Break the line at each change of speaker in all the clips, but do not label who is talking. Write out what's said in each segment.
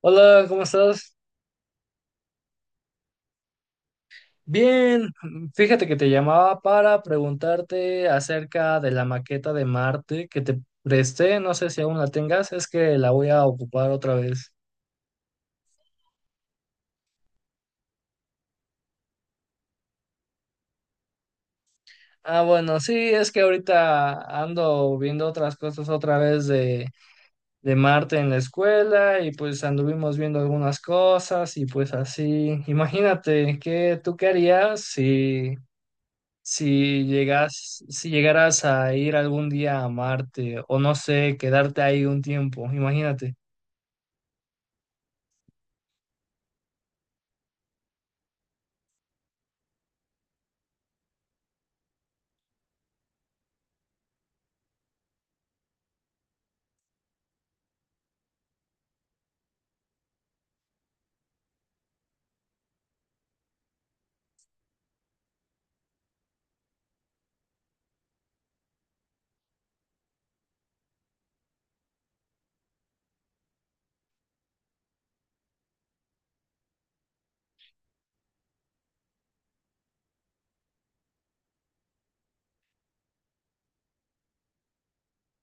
Hola, ¿cómo estás? Bien, fíjate que te llamaba para preguntarte acerca de la maqueta de Marte que te presté, no sé si aún la tengas, es que la voy a ocupar otra vez. Ah, bueno, sí, es que ahorita ando viendo otras cosas otra vez de Marte en la escuela y pues anduvimos viendo algunas cosas y pues así, imagínate, ¿qué tú qué harías si si llegaras a ir algún día a Marte, o no sé, quedarte ahí un tiempo, imagínate,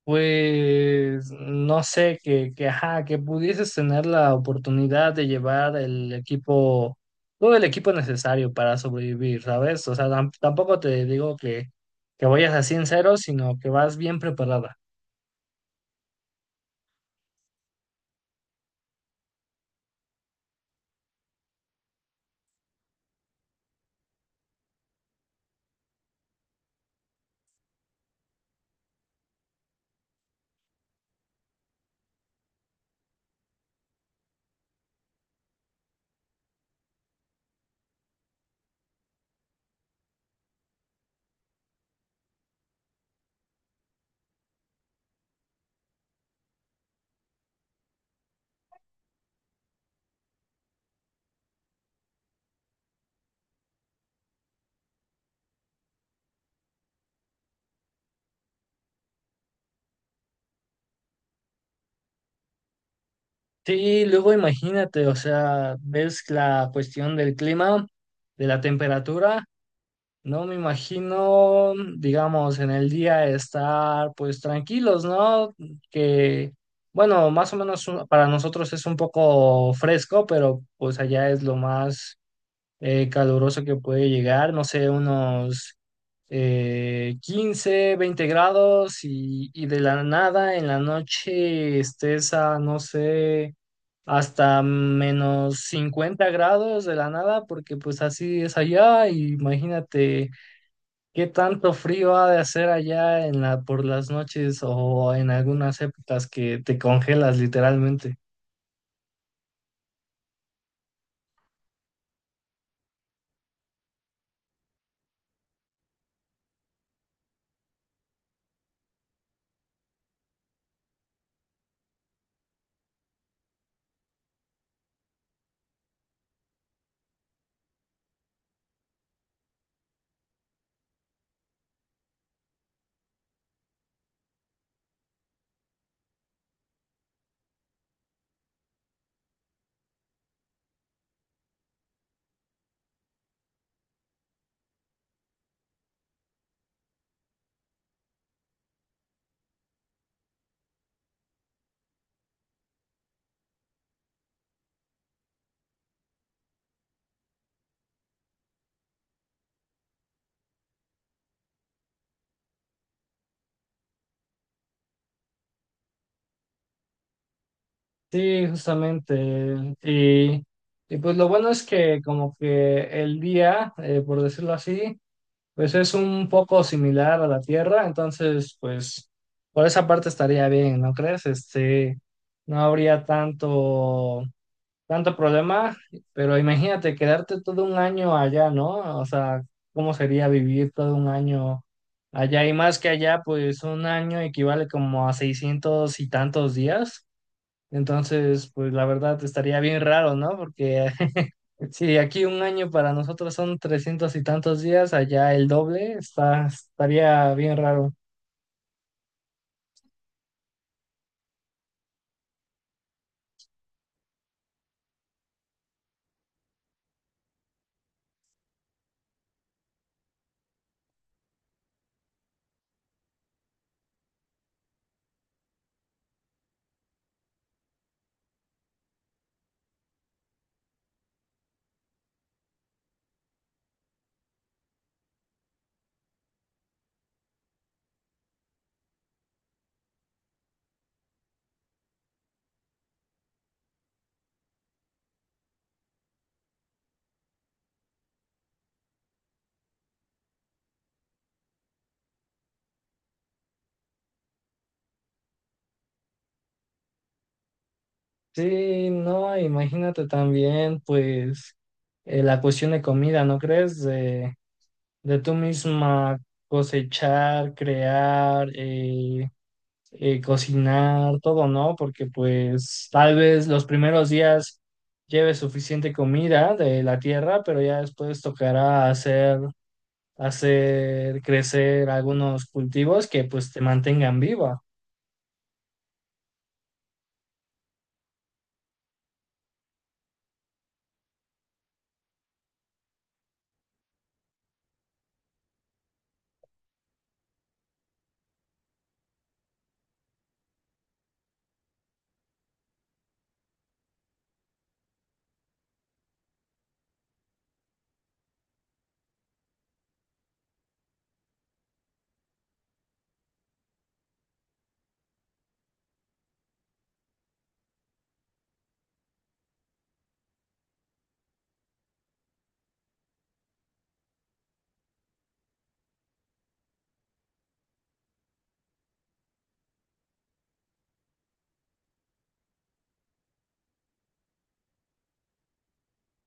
pues no sé, ajá, que pudieses tener la oportunidad de llevar el equipo, todo el equipo necesario para sobrevivir, ¿sabes? O sea, tampoco te digo que vayas así en cero, sino que vas bien preparada. Sí, luego imagínate, o sea, ves la cuestión del clima, de la temperatura. No me imagino, digamos, en el día estar pues tranquilos, ¿no? Que, bueno, más o menos para nosotros es un poco fresco, pero pues allá es lo más caluroso que puede llegar, no sé, unos 15, 20 grados y de la nada en la noche estés a, no sé, hasta menos 50 grados de la nada, porque pues así es allá, y imagínate. ¿Qué tanto frío ha de hacer allá en la, por las noches o en algunas épocas que te congelas literalmente? Sí, justamente. Y pues lo bueno es que como que el día, por decirlo así, pues es un poco similar a la Tierra, entonces pues por esa parte estaría bien, ¿no crees? Este, no habría tanto problema, pero imagínate quedarte todo un año allá, ¿no? O sea, ¿cómo sería vivir todo un año allá? Y más que allá, pues un año equivale como a 600 y tantos días. Entonces, pues la verdad estaría bien raro, ¿no? Porque si aquí un año para nosotros son 300 y tantos días, allá el doble, estaría bien raro. Sí, no, imagínate también, pues, la cuestión de comida, ¿no crees? De tú misma cosechar, crear, cocinar, todo, ¿no? Porque pues tal vez los primeros días lleves suficiente comida de la tierra, pero ya después tocará hacer crecer algunos cultivos que pues te mantengan viva.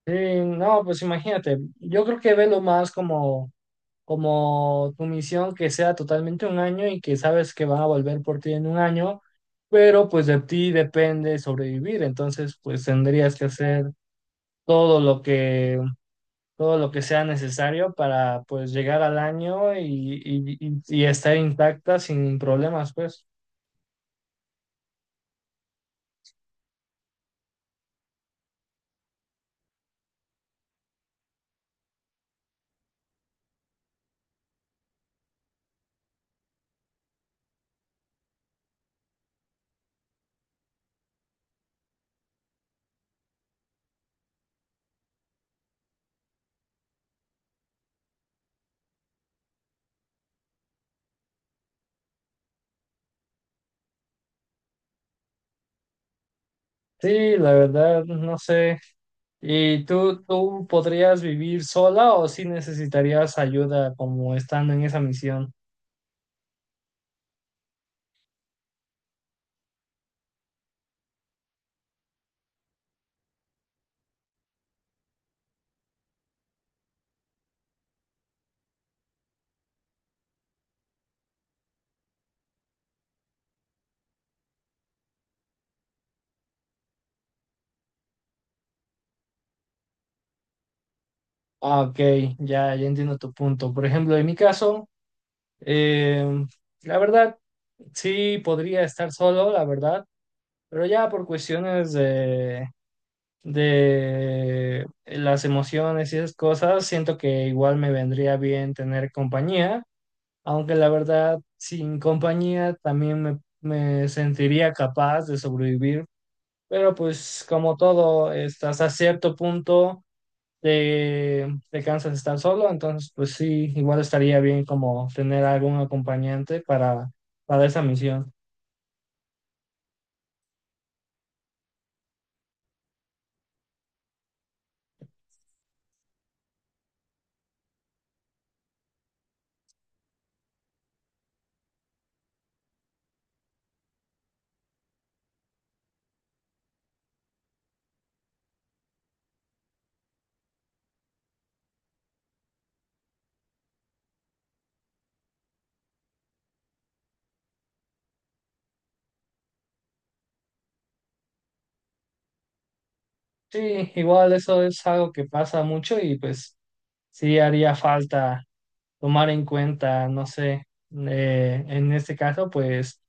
Sí, no, pues imagínate, yo creo que velo más como tu misión que sea totalmente un año y que sabes que van a volver por ti en un año, pero pues de ti depende sobrevivir, entonces pues tendrías que hacer todo lo que todo lo que sea necesario para pues llegar al año y estar intacta sin problemas, pues. Sí, la verdad, no sé. ¿Y tú podrías vivir sola o si necesitarías ayuda como estando en esa misión? Ah, ok, ya entiendo tu punto. Por ejemplo, en mi caso, em, la verdad, sí podría estar solo, la verdad, pero ya por cuestiones de las emociones y esas cosas, siento que igual me vendría bien tener compañía, aunque la verdad, sin compañía también me sentiría capaz de sobrevivir, pero pues como todo, estás a cierto punto de Kansas estar solo, entonces pues sí, igual estaría bien como tener algún acompañante para esa misión. Sí, igual eso es algo que pasa mucho y pues sí haría falta tomar en cuenta, no sé, en este caso pues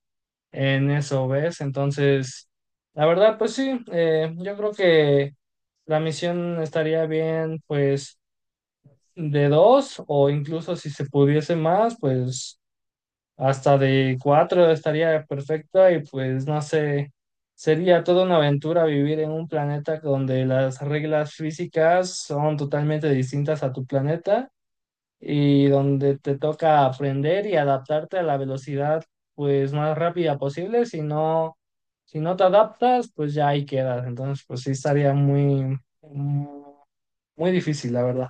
en eso, ¿ves? Entonces, la verdad pues sí, yo creo que la misión estaría bien pues de dos o incluso si se pudiese más, pues hasta de cuatro estaría perfecto y pues no sé, sería toda una aventura vivir en un planeta donde las reglas físicas son totalmente distintas a tu planeta y donde te toca aprender y adaptarte a la velocidad pues más rápida posible. Si no, si no te adaptas, pues ya ahí quedas. Entonces, pues sí estaría muy, muy difícil, la verdad.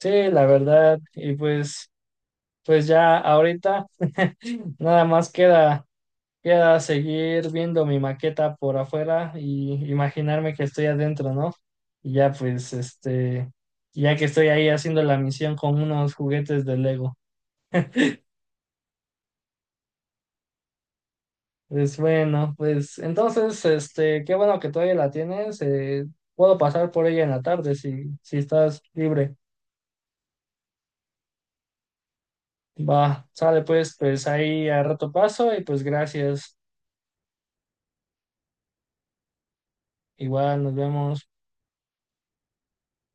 Sí, la verdad. Y pues, pues ya ahorita nada más queda. Queda seguir viendo mi maqueta por afuera y imaginarme que estoy adentro, ¿no? Y ya pues, este, ya que estoy ahí haciendo la misión con unos juguetes de Lego. Pues bueno, pues entonces, este, qué bueno que todavía la tienes. Puedo pasar por ella en la tarde si, si estás libre. Va, sale pues, pues ahí a rato paso y pues gracias. Igual, nos vemos.